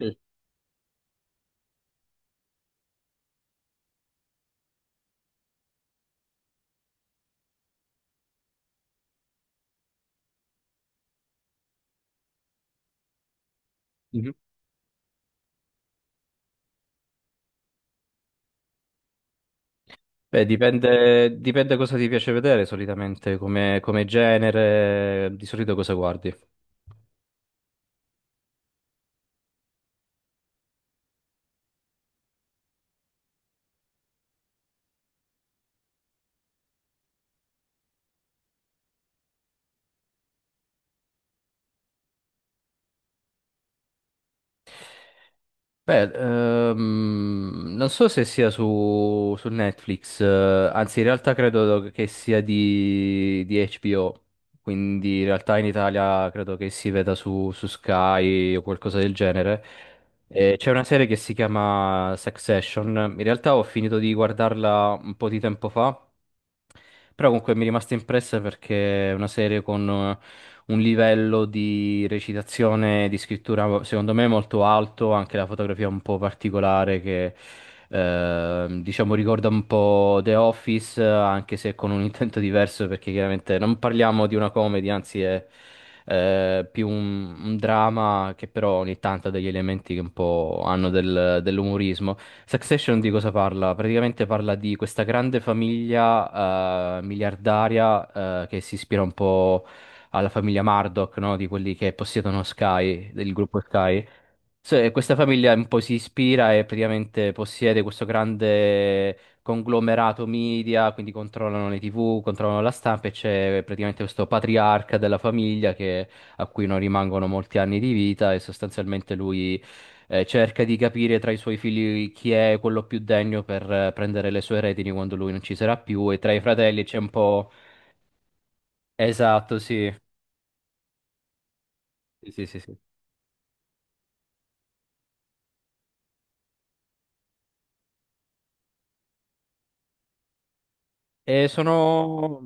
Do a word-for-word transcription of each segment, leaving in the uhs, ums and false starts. Mm. Mhm. Beh, dipende, dipende cosa ti piace vedere solitamente, come, come genere, di solito cosa guardi. Beh, ehm, non so se sia su, su Netflix, eh, anzi in realtà credo che sia di, di H B O, quindi in realtà in Italia credo che si veda su, su Sky o qualcosa del genere. Eh, c'è una serie che si chiama Succession. In realtà ho finito di guardarla un po' di tempo fa, però comunque mi è rimasta impressa perché è una serie con eh, un livello di recitazione, di scrittura secondo me molto alto, anche la fotografia un po' particolare che ehm, diciamo ricorda un po' The Office, eh, anche se con un intento diverso perché chiaramente non parliamo di una comedy, anzi è eh, più un, un dramma che però ogni tanto ha degli elementi che un po' hanno del- dell'umorismo. Succession di cosa parla? Praticamente parla di questa grande famiglia eh, miliardaria eh, che si ispira un po' alla famiglia Murdoch, no? Di quelli che possiedono Sky, del gruppo Sky. So- e questa famiglia un po' si ispira e praticamente possiede questo grande conglomerato media, quindi controllano le T V, controllano la stampa e c'è praticamente questo patriarca della famiglia che- a cui non rimangono molti anni di vita e sostanzialmente lui eh, cerca di capire tra i suoi figli chi è quello più degno per eh, prendere le sue retini quando lui non ci sarà più, e tra i fratelli c'è un po'... Esatto, sì. Sì, sì, sì, sì. E sono...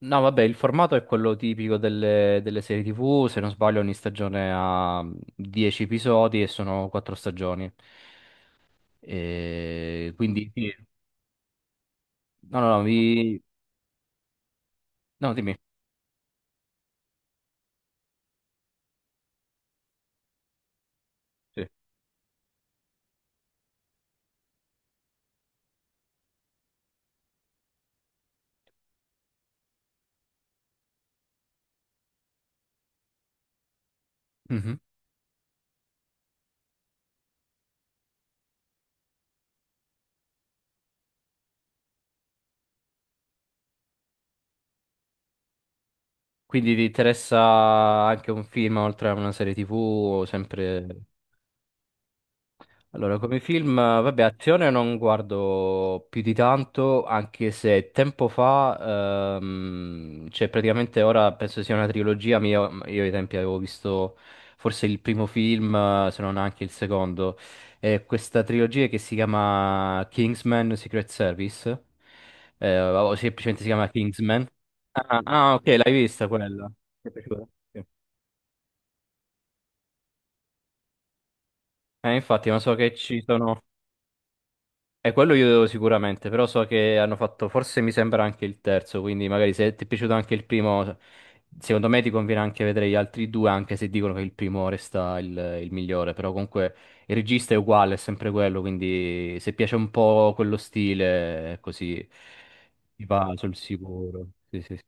No, vabbè, il formato è quello tipico delle, delle serie T V Se non sbaglio ogni stagione ha dieci episodi e sono quattro stagioni. E quindi... sì. No, no, no, vi... No, dimmi. Sì. Mhm. Quindi ti interessa anche un film oltre a una serie tivù, sempre... Allora, come film, vabbè, azione non guardo più di tanto, anche se tempo fa, ehm, cioè praticamente ora penso sia una trilogia, ma io, io ai tempi avevo visto forse il primo film, eh, se non anche il secondo, è questa trilogia che si chiama Kingsman Secret Service, eh, o semplicemente si chiama Kingsman. Ah, ah, ok, l'hai vista quella. Ti è piaciuta? Sì. Eh, infatti, ma so che ci sono... E quello io devo sicuramente, però so che hanno fatto, forse mi sembra anche il terzo, quindi magari se ti è piaciuto anche il primo, secondo me ti conviene anche vedere gli altri due, anche se dicono che il primo resta il, il migliore, però comunque il regista è uguale, è sempre quello, quindi se piace un po' quello stile, così ti va sul sicuro. Sì, sì, sì.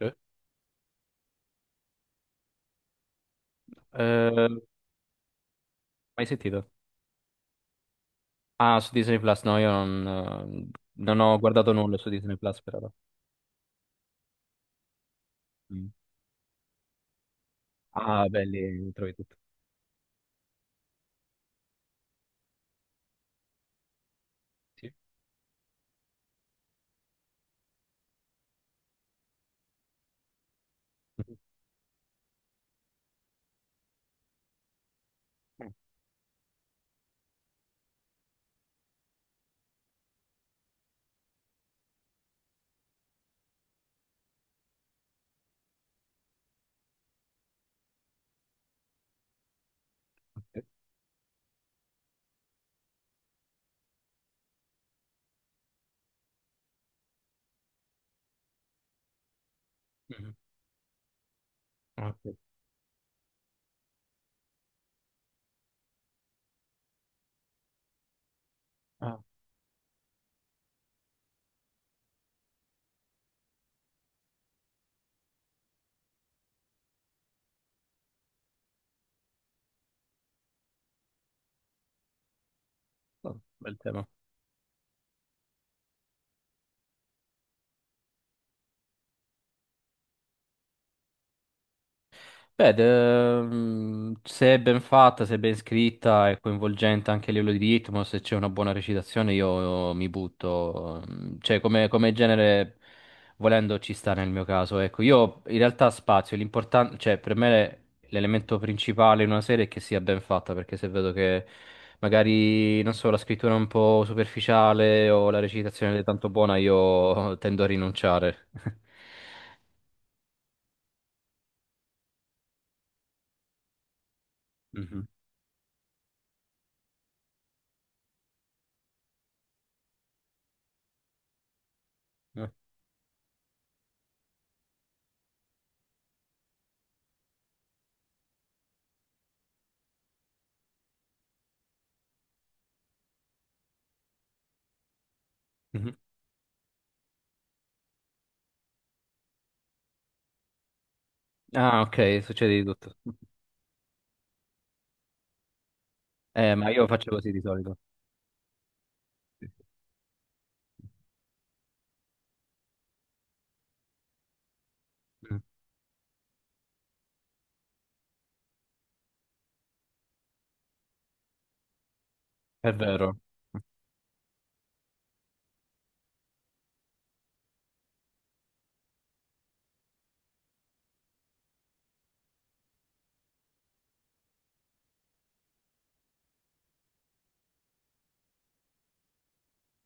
Eh? Eh, mai sentito? Ah, su Disney Plus, no, io non, eh, non ho guardato nulla su Disney Plus per ora. Mm. Ah, belli, trovi tutto. Sì. Mhm. Ah, ok. Ah, oh, bel tema. Beh, de- mm, se è ben fatta, se è ben scritta, è coinvolgente anche a livello di ritmo, se c'è una buona recitazione io mi butto, mm, cioè come, come genere volendo ci sta nel mio caso, ecco. Io in realtà spazio, l'importante, cioè per me l'elemento principale in una serie è che sia ben fatta, perché se vedo che magari, non so, la scrittura è un po' superficiale o la recitazione non è tanto buona, io tendo a rinunciare. Mhm. Eh. Mhm. Ah, ok, succede di tutto. Eh, ma io faccio così di solito. Sì, sì. Mm. È vero.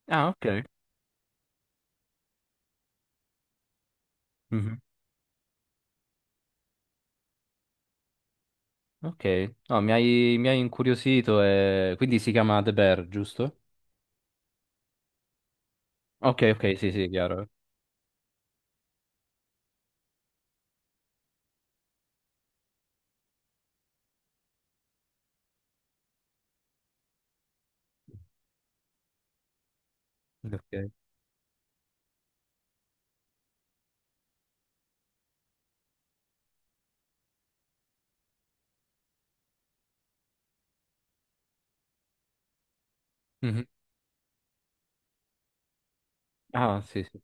Ah, ok. Mhm. Ok. No, mi hai, mi hai incuriosito e... Quindi si chiama The Bear, giusto? Ok, ok, sì, sì, chiaro. Ok. Mhm. Ah, sì, sì.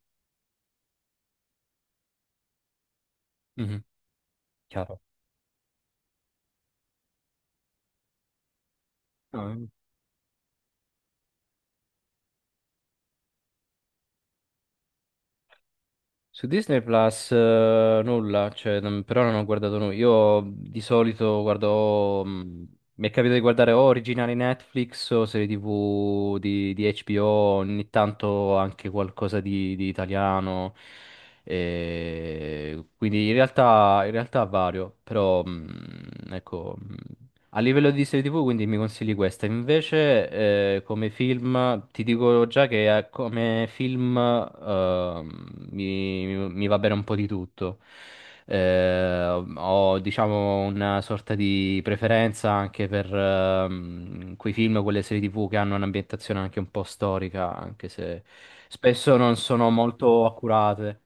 Mhm. Chiaro. No, su Disney Plus eh, nulla, cioè, non- però non ho guardato nulla. Io di solito guardo, mh, mi è capitato di guardare o originali Netflix o serie T V di, di H B O, ogni tanto anche qualcosa di, di italiano. E quindi in realtà, in realtà vario, però mh, ecco. mm, a livello di serie T V, quindi mi consigli questa. Invece, eh, come film, ti dico già che eh, come film ehm, mi, mi- mi va bene un po' di tutto. Eh, ho, diciamo, una sorta di preferenza anche per ehm, quei film, quelle serie T V che hanno un'ambientazione anche un po' storica, anche se spesso non sono molto accurate.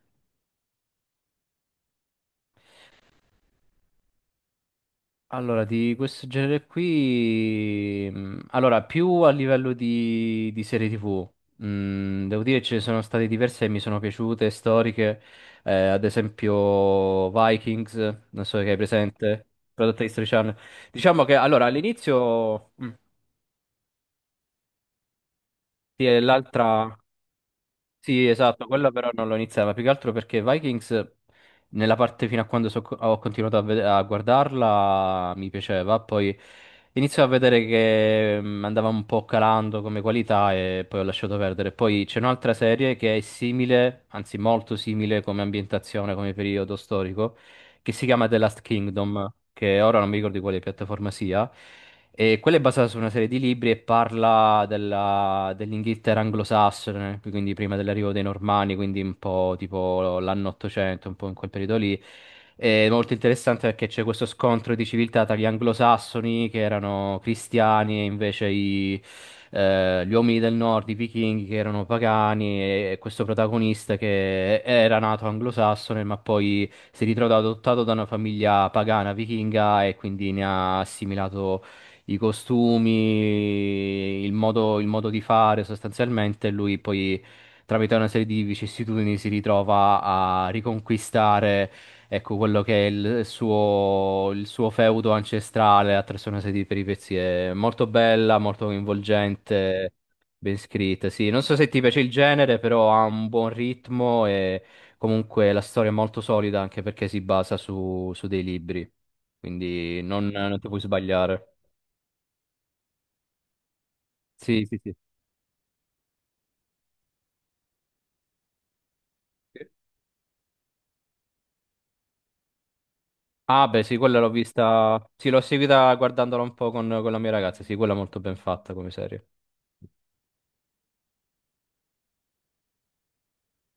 Allora, di questo genere qui, mh, allora, più a livello di, di serie T V, mh, devo dire ce ne sono state diverse che mi sono piaciute, storiche, eh, ad esempio Vikings, non so che hai presente, prodotta di History Channel. Diciamo che, allora, all'inizio, mh, sì, è l'altra... Sì, esatto, quella però non l'ho iniziata, ma più che altro perché Vikings, nella parte fino a quando so- ho continuato a, vede- a guardarla, mi piaceva, poi inizio a vedere che mm, andava un po' calando come qualità e poi ho lasciato perdere. Poi c'è un'altra serie che è simile, anzi molto simile come ambientazione, come periodo storico, che si chiama The Last Kingdom, che ora non mi ricordo di quale piattaforma sia. E quella è basata su una serie di libri e parla della- dell'Inghilterra anglosassone, quindi prima dell'arrivo dei Normanni, quindi un po' tipo l'anno ottocento, un po' in quel periodo lì. È molto interessante perché c'è questo scontro di civiltà tra gli anglosassoni che erano cristiani e invece i, eh, gli uomini del nord, i vichinghi che erano pagani, e questo protagonista che era nato anglosassone ma poi si ritrova adottato da una famiglia pagana vichinga e quindi ne ha assimilato i costumi, il modo, il modo di fare sostanzialmente. Lui poi, tramite una serie di vicissitudini, si ritrova a riconquistare, ecco, quello che è il suo, il suo feudo ancestrale attraverso una serie di peripezie. Molto bella, molto coinvolgente. Ben scritta, sì. Non so se ti piace il genere, però ha un buon ritmo. E comunque la storia è molto solida anche perché si basa su, su dei libri, quindi non, non ti puoi sbagliare. Sì, sì, sì. Ah, beh, sì, quella l'ho vista. Sì, l'ho seguita guardandola un po' con, con la mia ragazza. Sì, quella è molto ben fatta come serie.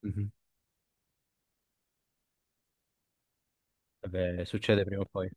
Mhm. Vabbè, succede prima o poi.